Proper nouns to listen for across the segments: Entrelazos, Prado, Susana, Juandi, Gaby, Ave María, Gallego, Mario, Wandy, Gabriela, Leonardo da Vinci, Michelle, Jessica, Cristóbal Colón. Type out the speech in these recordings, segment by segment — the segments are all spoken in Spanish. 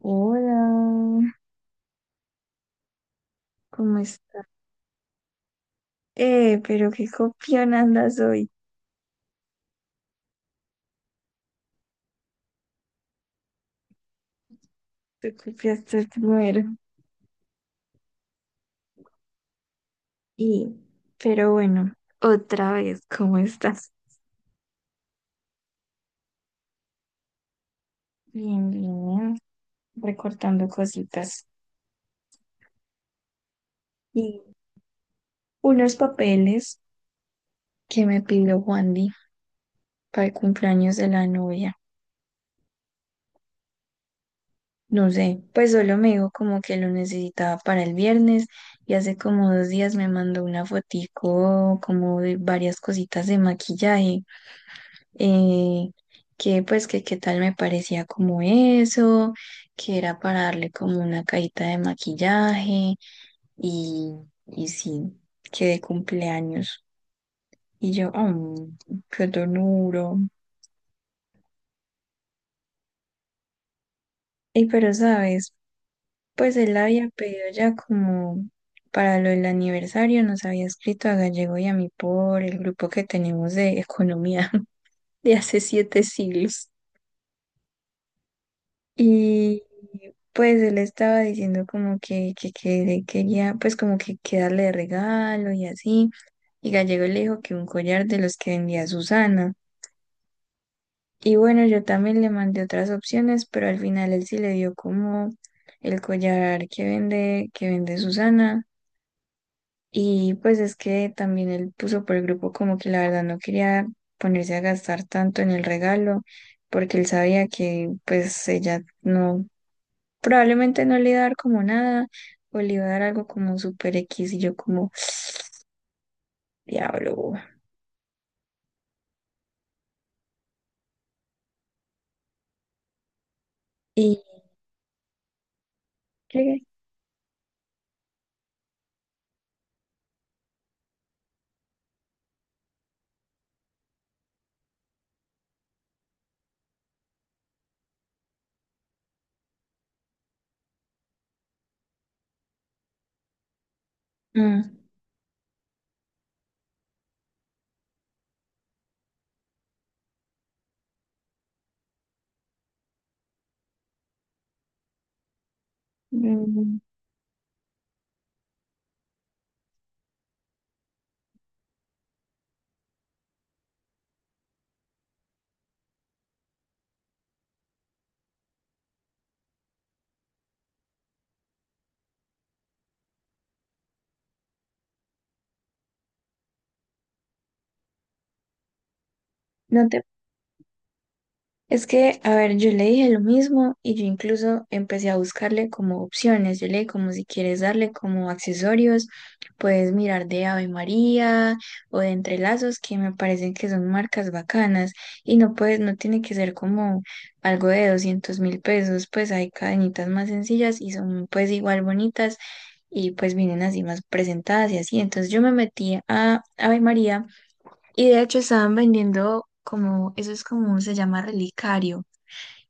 Hola, ¿cómo estás? Pero qué copión andas hoy. Tú copiaste primero. Y, pero bueno, otra vez, ¿cómo estás? Bien, bien, recortando cositas. Y unos papeles que me pidió Juandi para el cumpleaños de la novia. No sé, pues solo me dijo como que lo necesitaba para el viernes y hace como 2 días me mandó una fotico como de varias cositas de maquillaje. eh, que pues que qué tal me parecía como eso, que era para darle como una cajita de maquillaje y, y sí, que de cumpleaños. Y yo, "Mm, qué ternuro. Y pero sabes, pues él había pedido ya como para lo del aniversario, nos había escrito a Gallego y a mí por el grupo que tenemos de economía de hace siete siglos. Y pues él estaba diciendo como que, que le quería, pues como que darle de regalo y así. Y Gallego le dijo que un collar de los que vendía Susana. Y bueno, yo también le mandé otras opciones, pero al final él sí le dio como el collar que vende Susana. Y pues es que también él puso por el grupo como que la verdad no quería ponerse a gastar tanto en el regalo, porque él sabía que pues ella no. Probablemente no le iba a dar como nada o le iba a dar algo como super X y yo como diablo. Y llegué. Mm, mm, no te. Es que, a ver, yo le dije lo mismo y yo incluso empecé a buscarle como opciones. Yo le dije como si quieres darle como accesorios, puedes mirar de Ave María o de Entrelazos, que me parecen que son marcas bacanas y no puedes, no tiene que ser como algo de 200.000 pesos, pues hay cadenitas más sencillas y son pues igual bonitas y pues vienen así más presentadas y así. Entonces yo me metí a Ave María y de hecho estaban vendiendo como, eso es como, se llama relicario.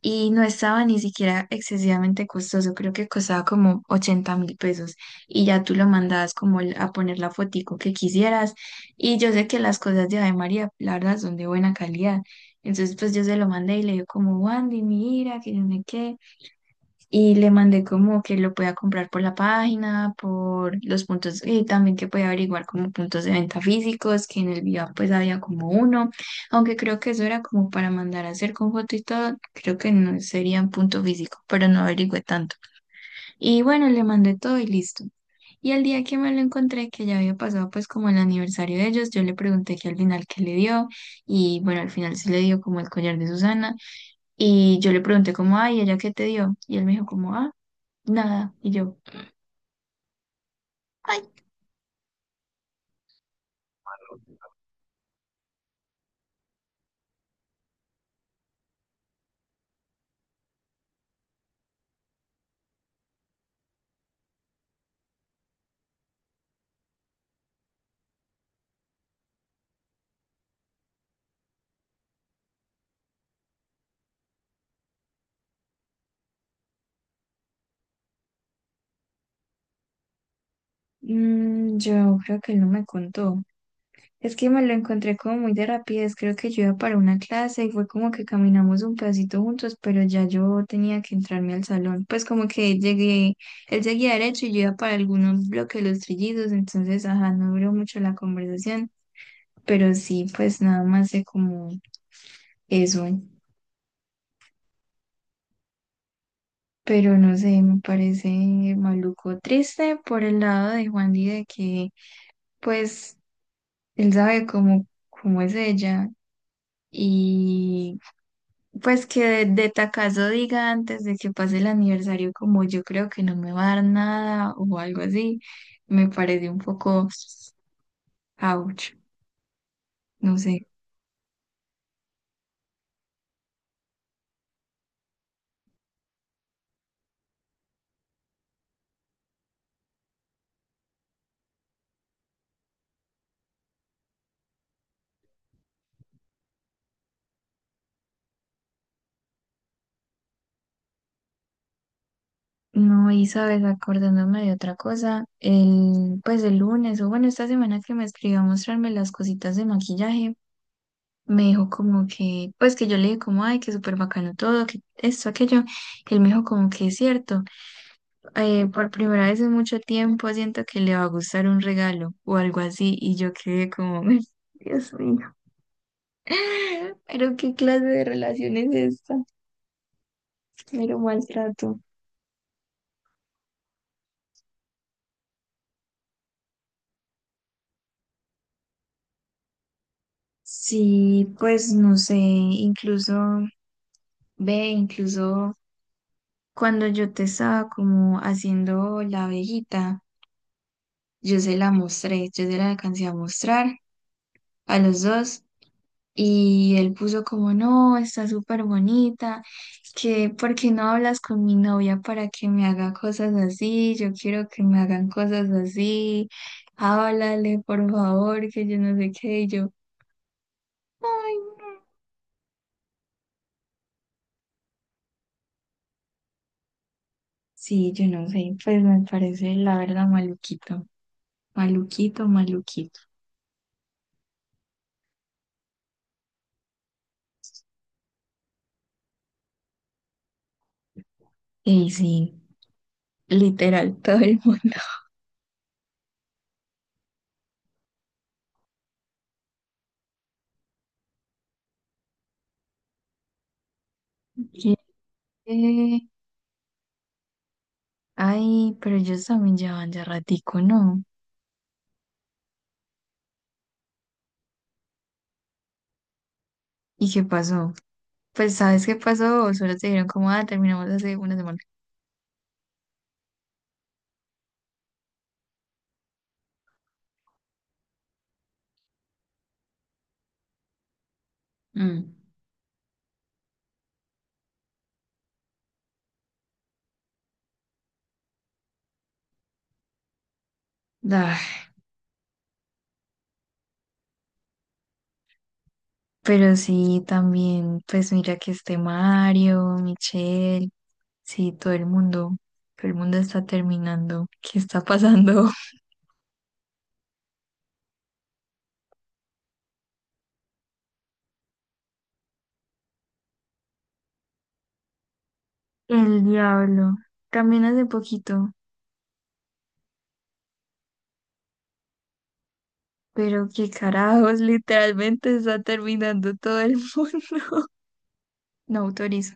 Y no estaba ni siquiera excesivamente costoso, creo que costaba como 80.000 pesos. Y ya tú lo mandabas como a poner la fotico que quisieras. Y yo sé que las cosas de Ave María, la verdad, son de buena calidad. Entonces pues yo se lo mandé y le digo como, Wandy, mira, que yo no sé qué. Y le mandé como que lo pueda comprar por la página, por los puntos, y también que pueda averiguar como puntos de venta físicos, que en el Viva pues había como uno, aunque creo que eso era como para mandar a hacer con foto y todo, creo que no sería un punto físico, pero no averigüé tanto. Y bueno, le mandé todo y listo. Y al día que me lo encontré, que ya había pasado pues como el aniversario de ellos, yo le pregunté que al final qué le dio, y bueno, al final sí le dio como el collar de Susana, y yo le pregunté como, ay, ¿ella qué te dio? Y él me dijo como, ah. Nada. Y yo, ay, mm, yo creo que él no me contó. Es que me lo encontré como muy de rapidez. Creo que yo iba para una clase y fue como que caminamos un pedacito juntos, pero ya yo tenía que entrarme al salón. Pues como que llegué, él seguía derecho y yo iba para algunos bloques de los trillidos, entonces, ajá, no duró mucho la conversación. Pero sí, pues nada más sé como eso. Pero no sé, me parece maluco triste por el lado de Juan y de que, pues. Él sabe cómo, cómo es ella. Y pues que de tacazo diga antes de que pase el aniversario, como yo creo que no me va a dar nada o algo así, me parece un poco ouch, no sé. No, y sabes, acordándome de otra cosa, pues el lunes o bueno, esta semana que me escribió a mostrarme las cositas de maquillaje, me dijo como que, pues que yo le dije como, ay, que súper bacano todo, que esto, aquello, él me dijo como que es cierto. Por primera vez en mucho tiempo siento que le va a gustar un regalo o algo así y yo quedé como, Dios mío, pero qué clase de relación es esta, pero maltrato. Sí, pues no sé, incluso, ve, incluso cuando yo te estaba como haciendo la abejita, yo se la mostré, yo se la alcancé a mostrar a los dos. Y él puso como, no, está súper bonita, que por qué no hablas con mi novia para que me haga cosas así, yo quiero que me hagan cosas así, háblale por favor, que yo no sé qué, y yo, ay, no. Sí, yo no sé, pues me parece la verdad maluquito, maluquito, maluquito. Y sí, literal, todo el mundo. quiere- Ay, pero ellos también llevan ya ratico, ¿no? ¿Y qué pasó? Pues, ¿sabes qué pasó? Solo te dijeron como, ah, terminamos hace una semana. Mm, ah. Pero sí, también, pues mira que este Mario, Michelle, sí, todo el mundo está terminando. ¿Qué está pasando? El diablo. También hace poquito, pero qué carajos, literalmente está terminando todo el mundo. No autorizo.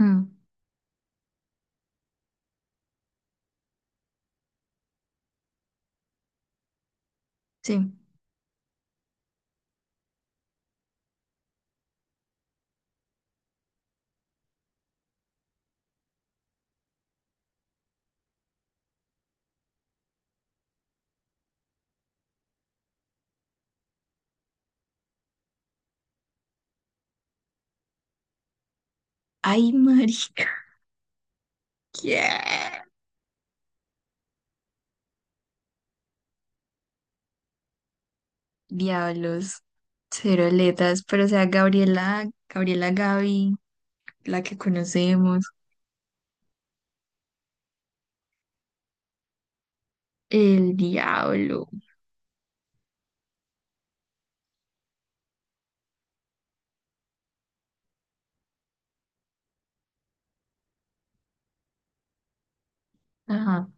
Mm, sí. Ay, marica. ¿Qué? Diablos, cero aletas, pero o sea, Gabriela, Gabriela Gaby, la que conocemos, el diablo. Ajá.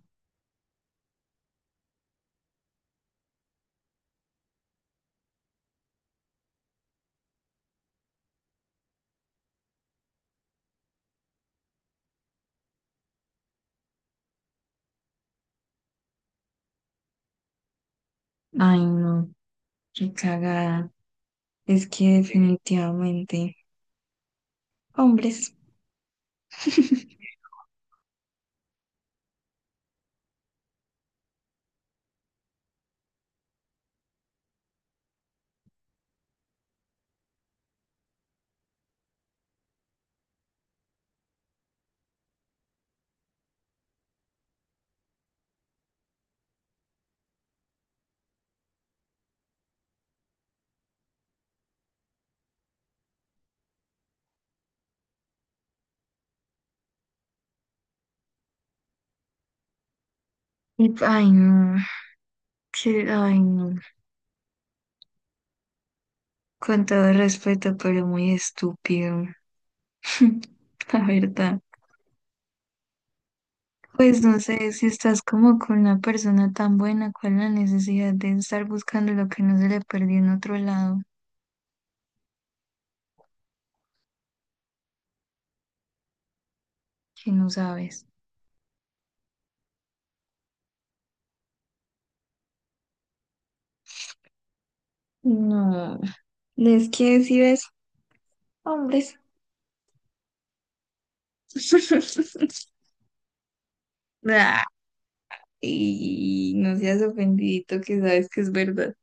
Ay, no, qué cagada. Es que definitivamente, hombres. Y, ay, no, que, ay, no. Con todo respeto, pero muy estúpido. La verdad. Pues no sé, si estás como con una persona tan buena, ¿cuál es la necesidad de estar buscando lo que no se le perdió en otro lado que no sabes? No, es que si ves hombres. Ay, no seas ofendidito que sabes que es verdad.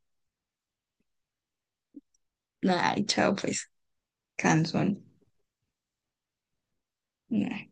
Ay, chao pues, cansón. Ay.